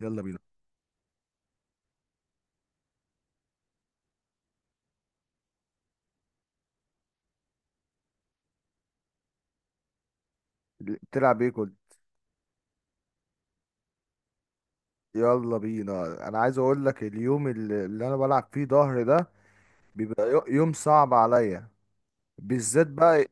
يلا بينا. بتلعب ايه كل... يلا بينا، انا عايز اقول لك اليوم اللي انا بلعب فيه ظهر ده بيبقى يوم صعب عليا بالذات بقى.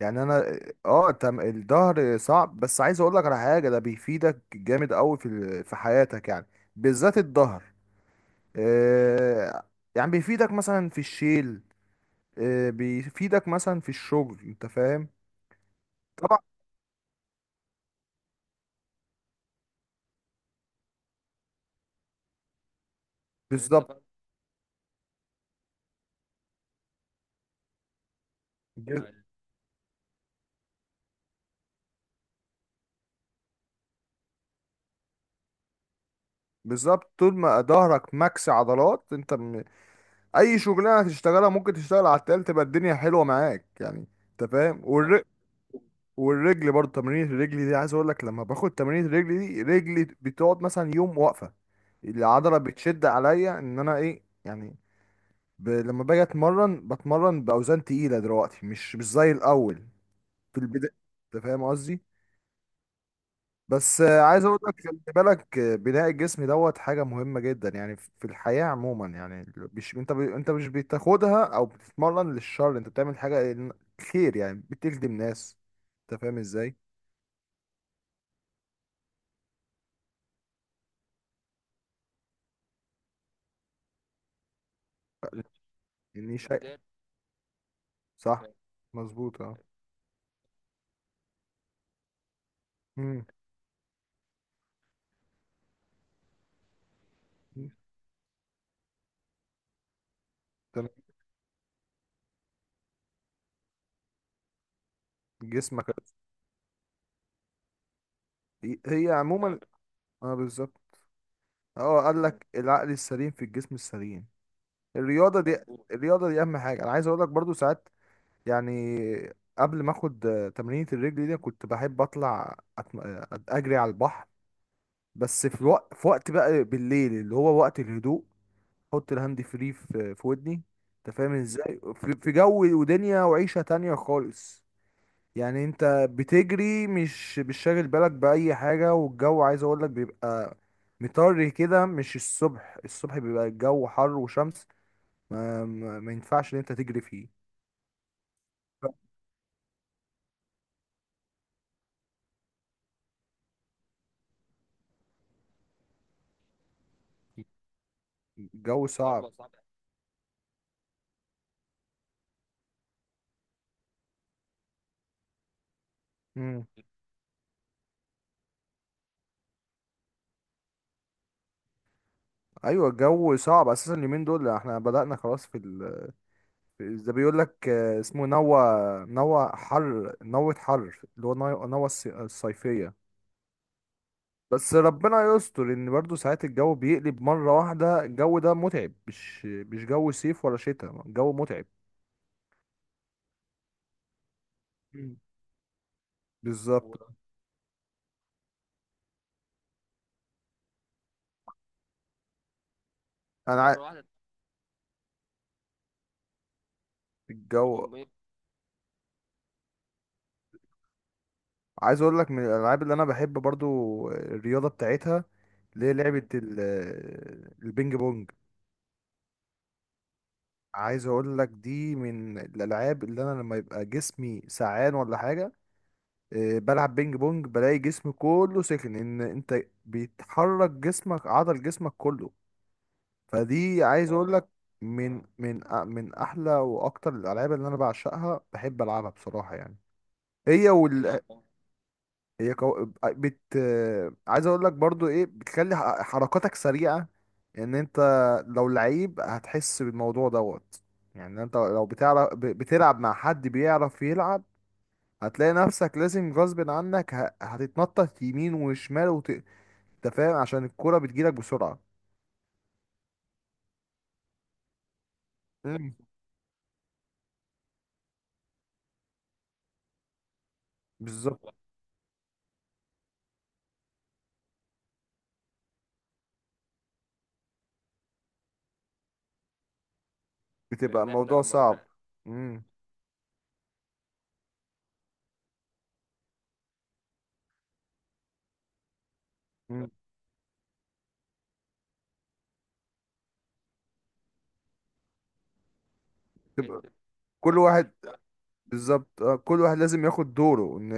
يعني انا اه تم الظهر صعب، بس عايز اقول لك على حاجه ده بيفيدك جامد قوي في حياتك، يعني بالذات الظهر. آه يعني بيفيدك مثلا في الشيل. بيفيدك مثلا في الشغل، انت فاهم؟ طبعا. بالظبط. بالظبط، طول ما ظهرك ماكس عضلات، انت اي شغلانه تشتغلها ممكن تشتغل على التقال، تبقى الدنيا حلوه معاك يعني، انت فاهم؟ والرجل برضه، تمرين الرجل دي عايز اقول لك، لما باخد تمرين الرجل دي رجلي بتقعد مثلا يوم واقفه، العضله بتشد عليا ان انا ايه يعني. لما باجي اتمرن بتمرن باوزان تقيله دلوقتي، مش زي الاول في البدايه، انت فاهم قصدي؟ بس عايز اقول لك خلي بالك، بناء الجسم دوت حاجه مهمه جدا، يعني في الحياه عموما، يعني مش انت انت مش بتاخدها او بتتمرن للشر، انت بتعمل حاجه خير يعني، بتخدم ناس، انت فاهم ازاي. يعني شيء صح، مظبوط اه. مم. تمام. جسمك هي هي عموما. اه بالظبط. اه، قال لك العقل السليم في الجسم السليم. الرياضه دي مظبوط، الرياضه دي اهم حاجه. انا عايز اقول لك برضو ساعات يعني، قبل ما اخد تمرينة الرجل دي، كنت بحب اطلع أتم... آه، اجري على البحر، بس في وقت بقى بالليل، اللي هو وقت الهدوء، احط الهاند فري في ودني، انت فاهم ازاي؟ في جو ودنيا وعيشة تانية خالص، يعني انت بتجري مش شاغل بالك بأي حاجة، والجو عايز اقول لك بيبقى مطري كده، مش الصبح، الصبح بيبقى الجو حر وشمس، ما ينفعش ان انت تجري فيه. الجو صعب. مم. ايوه، الجو صعب اساسا اليومين دول، احنا بدأنا خلاص ده بيقول لك اسمه نوى. نوى حر، نوة حر، اللي هو نوى، نوى الصيفية. بس ربنا يستر، ان برضو ساعات الجو بيقلب مرة واحدة. الجو ده متعب، مش جو صيف ولا شتاء، الجو متعب. مم. هو بالظبط. انا عا... الجو عايز اقول لك، من الالعاب اللي انا بحب برضو الرياضة بتاعتها، اللي هي البينج بونج. عايز اقول لك دي من الالعاب، اللي انا لما يبقى جسمي سعان ولا حاجه بلعب بينج بونج بلاقي جسمي كله سخن، ان انت بيتحرك جسمك، عضل جسمك كله. فدي عايز اقول لك اه من من احلى واكتر الالعاب اللي انا بعشقها، بحب العبها بصراحه يعني. هي وال... هي كو... بت عايز اقول لك برضو ايه، بتخلي حركاتك سريعة، ان انت لو لعيب هتحس بالموضوع دوت، يعني انت لو بتعرف بتلعب مع حد بيعرف يلعب، هتلاقي نفسك لازم غصب عنك هتتنطط يمين وشمال انت فاهم، عشان الكرة بتجيلك بسرعة. امم. بالظبط. بتبقى الموضوع صعب. امم. امم. تبقى كل واحد بالظبط، كل واحد لازم ياخد دوره، ان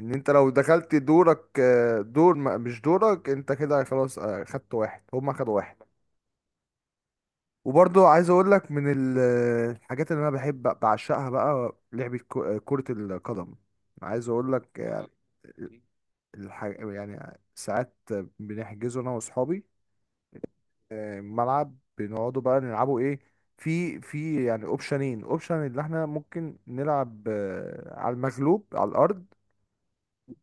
ان انت لو دخلت دورك، دور مش دورك انت كده خلاص، خدت واحد هما خدوا واحد. وبرضو عايز اقول لك الحاجات اللي انا بحب بعشقها بقى، لعبة كرة القدم. عايز اقول لك يعني ساعات بنحجزه انا واصحابي، ملعب، بنقعدوا بقى نلعبوا ايه، في يعني اوبشنين. اوبشن اللي احنا ممكن نلعب على المغلوب على الارض،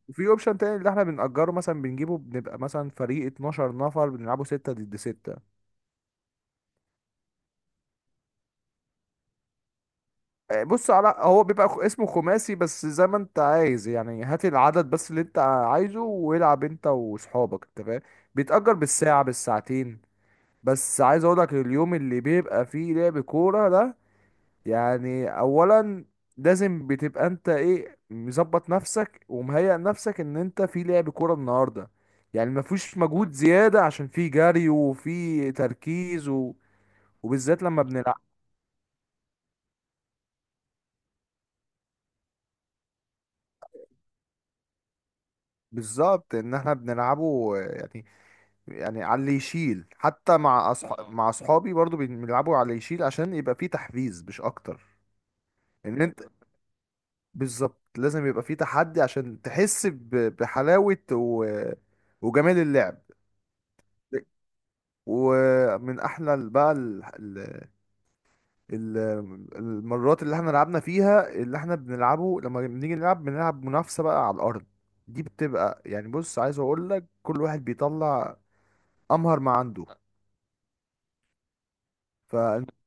وفي اوبشن تاني اللي احنا بنأجره مثلا، بنجيبه بنبقى مثلا فريق 12 نفر، بنلعبه 6 ضد 6. بص، على هو بيبقى اسمه خماسي، بس زي ما انت عايز يعني، هات العدد بس اللي انت عايزه والعب انت واصحابك، انت فاهم؟ بيتأجر بالساعة بالساعتين. بس عايز اقولك اليوم اللي بيبقى فيه لعب كورة ده، يعني اولا لازم بتبقى انت ايه، مظبط نفسك ومهيئ نفسك ان انت في لعب كوره النهارده، يعني ما فيش مجهود زياده، عشان في جري وفي تركيز و... وبالذات لما بنلعب بالظبط، ان احنا بنلعبه يعني، يعني على اللي يشيل، حتى مع مع اصحابي برضو بنلعبوا على اللي يشيل، عشان يبقى فيه تحفيز مش اكتر. ان انت بالظبط لازم يبقى فيه تحدي، عشان تحس بحلاوة و... وجمال اللعب. ومن احلى ال- بقى ال... ال... ال- المرات اللي احنا لعبنا فيها، اللي احنا بنلعبه لما بنيجي نلعب بنلعب منافسة بقى على الارض، دي بتبقى يعني بص، عايز اقول لك كل واحد بيطلع امهر ما عنده. ف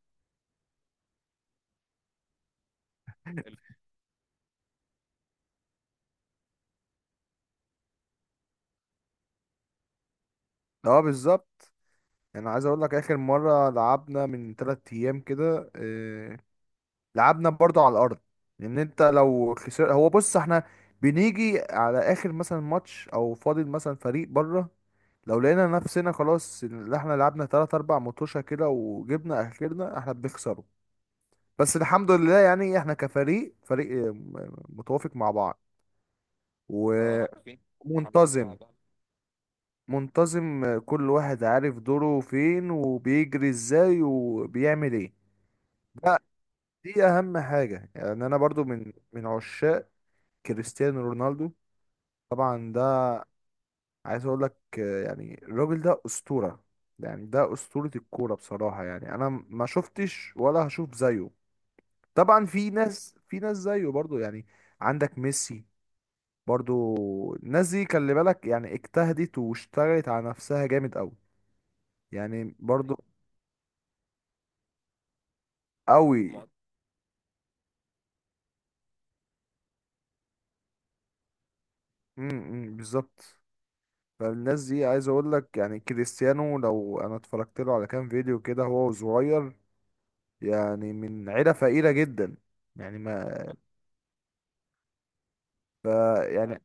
اه بالظبط. يعني عايز اقول لك اخر مرة لعبنا من تلات ايام كده، لعبنا برضو على الارض. لان انت لو خسر هو، بص، احنا بنيجي على اخر مثلا ماتش او فاضل مثلا فريق بره، لو لقينا نفسنا خلاص اللي احنا لعبنا تلات اربع مطوشة كده وجبنا اخرنا احنا بنخسره. بس الحمد لله يعني احنا فريق، متوافق مع بعض. اه، متحابين، ومنتظم. منتظم، كل واحد عارف دوره فين، وبيجري ازاي، وبيعمل ايه. دي اهم حاجة. يعني انا برضو من عشاق كريستيانو رونالدو، طبعا. ده عايز اقول لك يعني الراجل ده اسطوره، يعني ده اسطوره الكوره بصراحه يعني. انا ما شفتش ولا هشوف زيه. طبعا في ناس، في ناس زيه برضو يعني، عندك ميسي. برضو الناس دي خلي بالك، يعني اجتهدت واشتغلت على نفسها جامد قوي، يعني برضو قوي. امم. بالظبط. فالناس دي عايز اقول لك، يعني كريستيانو لو انا اتفرجت له على كام فيديو كده، هو صغير يعني من عيله فقيره جدا، يعني ما ف يعني.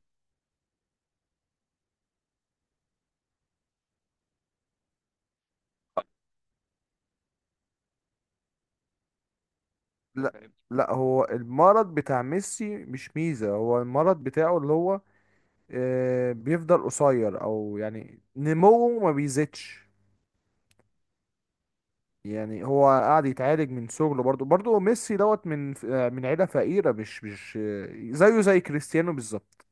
لا، لا، هو المرض بتاع ميسي مش ميزة، هو المرض بتاعه اللي هو بيفضل قصير، او يعني نموه ما بيزيدش. يعني هو قاعد يتعالج من صغره. برضو ميسي دوت من ف- آه، من عيلة فقيرة، مش مش آه، زيه زي كريستيانو بالظبط.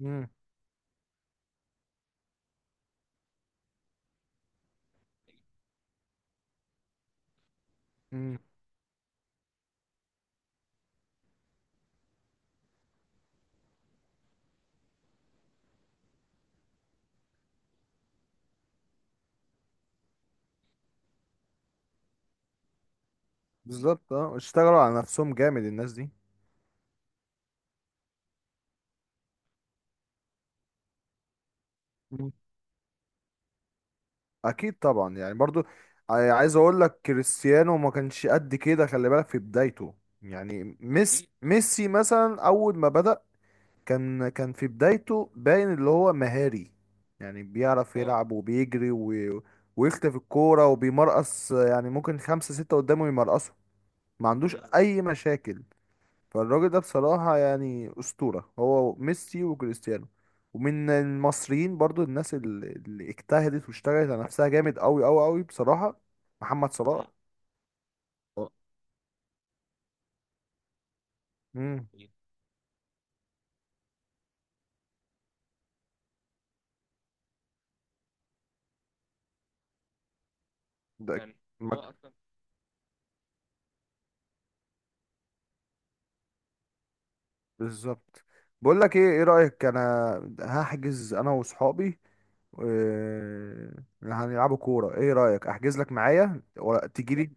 مم. مم. بالظبط اه، اشتغلوا على نفسهم جامد الناس دي. اكيد طبعا، يعني برضو عايز اقول لك كريستيانو ما كانش قد كده خلي بالك في بدايته. يعني ميسي مثلا اول ما بدأ، كان في بدايته باين اللي هو مهاري، يعني بيعرف اه يلعب وبيجري و... ويختفي الكورة وبيمرقص، يعني ممكن خمسة ستة قدامه يمرقصوا، ما عندوش اي مشاكل. فالراجل ده بصراحة يعني أسطورة، هو ميسي وكريستيانو. ومن المصريين برضو، الناس اللي اجتهدت واشتغلت على نفسها جامد أوي أوي أوي بصراحة، محمد صلاح. صلاح هو امم. ده يعني هو اصلا بالظبط. بقول لك ايه رأيك؟ انا هحجز انا وصحابي هنلعبوا كورة. ايه رأيك احجز لك معايا ولا تيجي؟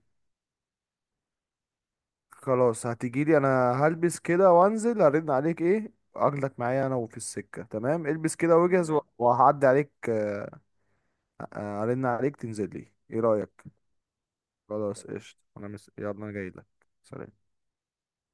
خلاص هتجيلي انا، هلبس كده وانزل هرن عليك ايه، اخدك معايا انا، وفي السكة تمام. البس كده واجهز تمام، وهعدي عليك هرن عليك تنزل لي، ايه رأيك؟ خلاص تمام قشطة. انا يلا، انا جاي لك. سلام.